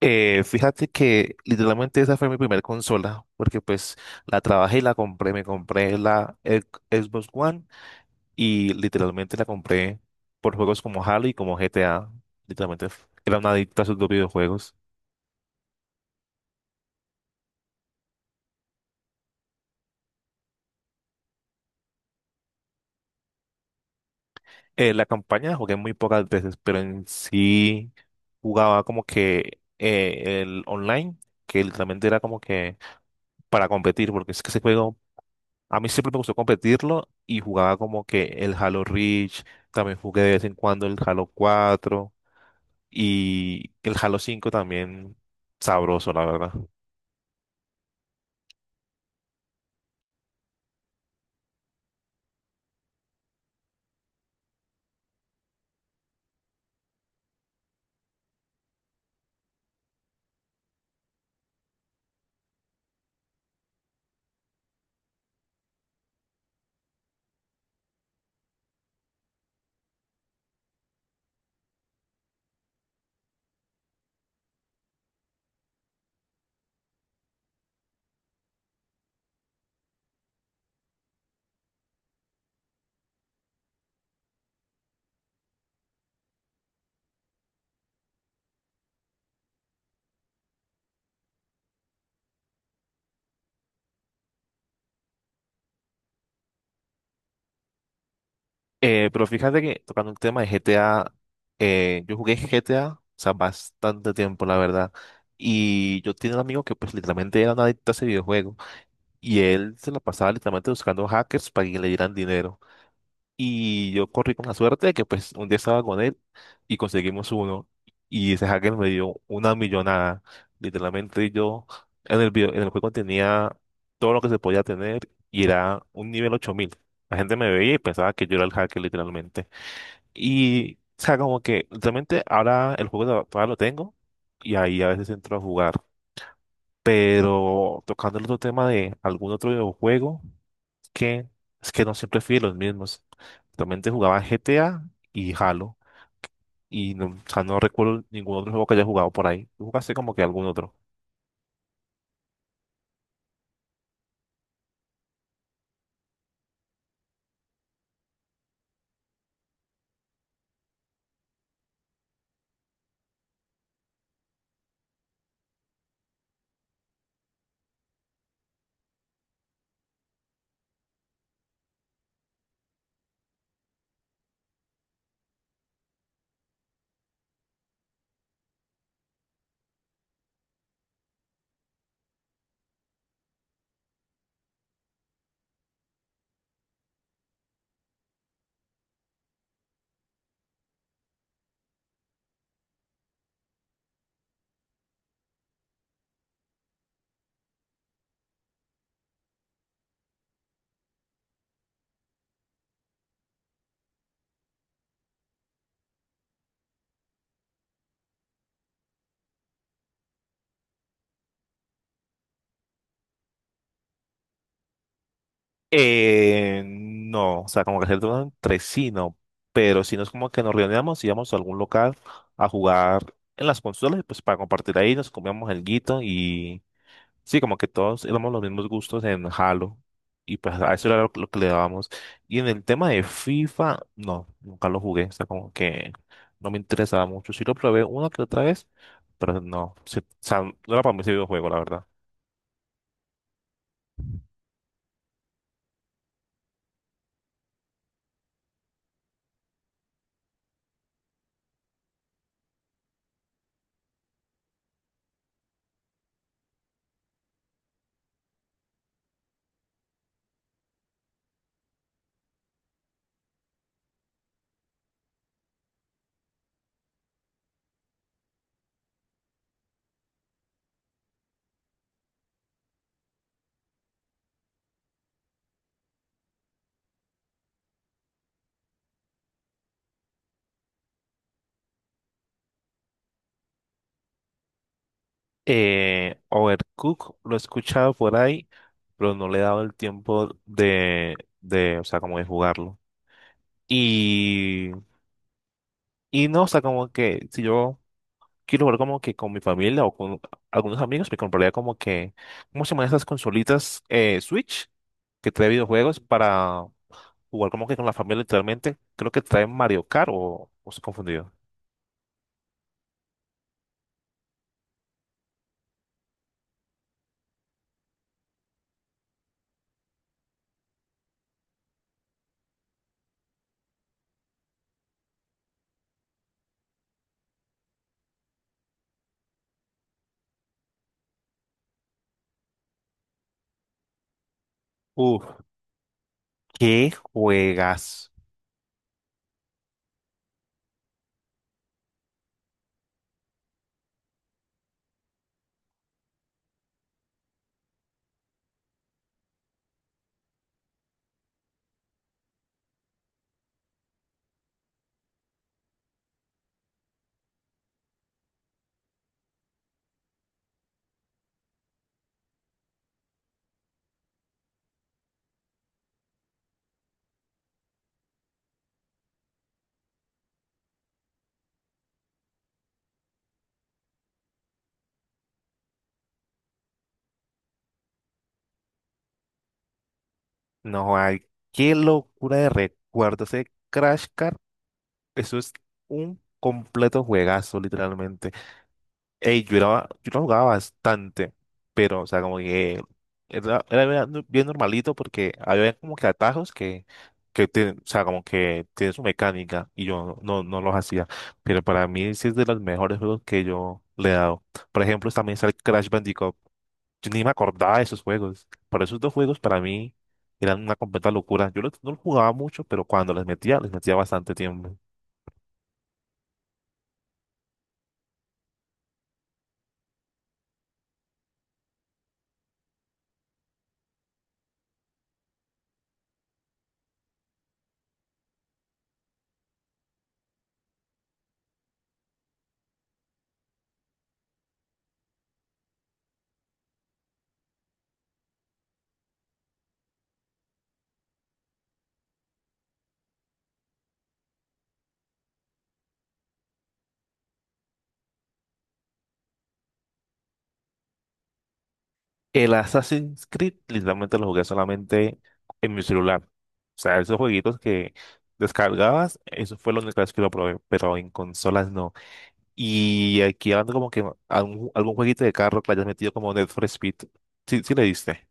Fíjate que literalmente esa fue mi primera consola, porque pues la trabajé y la compré, me compré la Xbox One y literalmente la compré por juegos como Halo y como GTA. Literalmente era una adicta a sus dos videojuegos. La campaña la jugué muy pocas veces, pero en sí jugaba como que el online, que literalmente era como que para competir, porque es que ese juego. A mí siempre me gustó competirlo y jugaba como que el Halo Reach, también jugué de vez en cuando el Halo 4 y el Halo 5 también sabroso, la verdad. Pero fíjate que tocando el tema de GTA, yo jugué GTA, o sea, bastante tiempo, la verdad. Y yo tenía un amigo que pues literalmente era un adicto a ese videojuego y él se la pasaba literalmente buscando hackers para que le dieran dinero. Y yo corrí con la suerte de que pues un día estaba con él y conseguimos uno. Y ese hacker me dio una millonada. Literalmente yo en el video, en el juego tenía todo lo que se podía tener y era un nivel 8000. La gente me veía y pensaba que yo era el hacker literalmente. Y o sea, como que literalmente ahora el juego todavía lo tengo y ahí a veces entro a jugar. Pero tocando el otro tema de algún otro videojuego que es que no siempre fui de los mismos. Realmente jugaba GTA y Halo. Y no, o sea, no recuerdo ningún otro juego que haya jugado por ahí. ¿Tú jugaste como que algún otro? No, o sea, como que hacer todo entre sí, no. Pero si no es como que nos reuníamos, íbamos a algún local a jugar en las consolas, y pues para compartir ahí, nos comíamos el guito. Sí, como que todos éramos los mismos gustos en Halo y pues a eso era lo que le dábamos. Y en el tema de FIFA, no, nunca lo jugué, o sea, como que no me interesaba mucho. Sí lo probé una que otra vez, pero no, sí, o sea, no era para mí ese videojuego, la verdad. Overcooked lo he escuchado por ahí, pero no le he dado el tiempo de, o sea, como de jugarlo. Y, y no, o sea, como que si yo quiero jugar como que con mi familia o con algunos amigos, me compraría como que, ¿cómo se llaman esas consolitas Switch que trae videojuegos para jugar como que con la familia literalmente? Creo que trae Mario Kart o estoy confundido. Uf, ¿qué juegas? No hay, qué locura de recuerdos ese Crash Kart. Eso es un completo juegazo, literalmente. Ey, yo la jugaba bastante, pero, o sea, como que era, era bien no, bien normalito porque había como que atajos que o sea, como que tiene su mecánica y yo no, no los hacía. Pero para mí sí es de los mejores juegos que yo le he dado. Por ejemplo, también está el Crash Bandicoot. Yo ni me acordaba de esos juegos. Pero esos dos juegos para mí eran una completa locura. Yo no los jugaba mucho, pero cuando les metía bastante tiempo. El Assassin's Creed literalmente lo jugué solamente en mi celular. O sea, esos jueguitos que descargabas, eso fue lo único vez que lo probé, pero en consolas no. Y aquí hablando como que algún, algún jueguito de carro que le hayas metido como Need for Speed. Sí, sí le diste.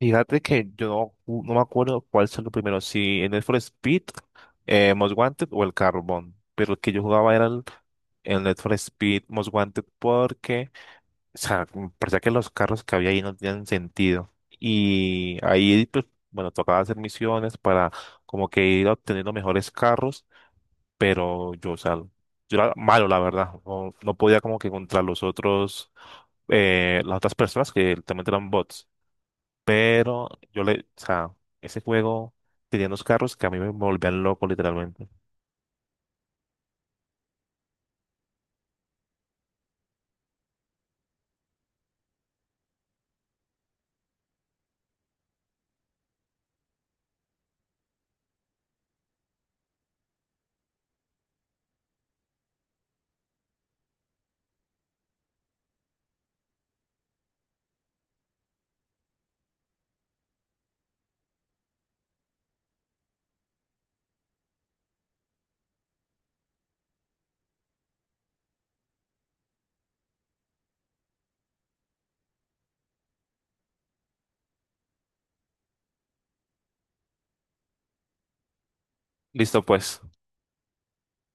Fíjate que yo no, no me acuerdo cuál salió primero, si el Need for Speed, Most Wanted o el Carbon. Pero el que yo jugaba era el Need for Speed Most Wanted porque. O sea, como parecía que los carros que había ahí no tenían sentido. Y ahí, pues, bueno, tocaba hacer misiones para como que ir obteniendo mejores carros, pero yo, o sea, yo era malo, la verdad. No, no podía como que contra los otros, las otras personas que también eran bots. Pero yo le, o sea, ese juego tenía unos carros que a mí me volvían loco, literalmente. Listo, pues.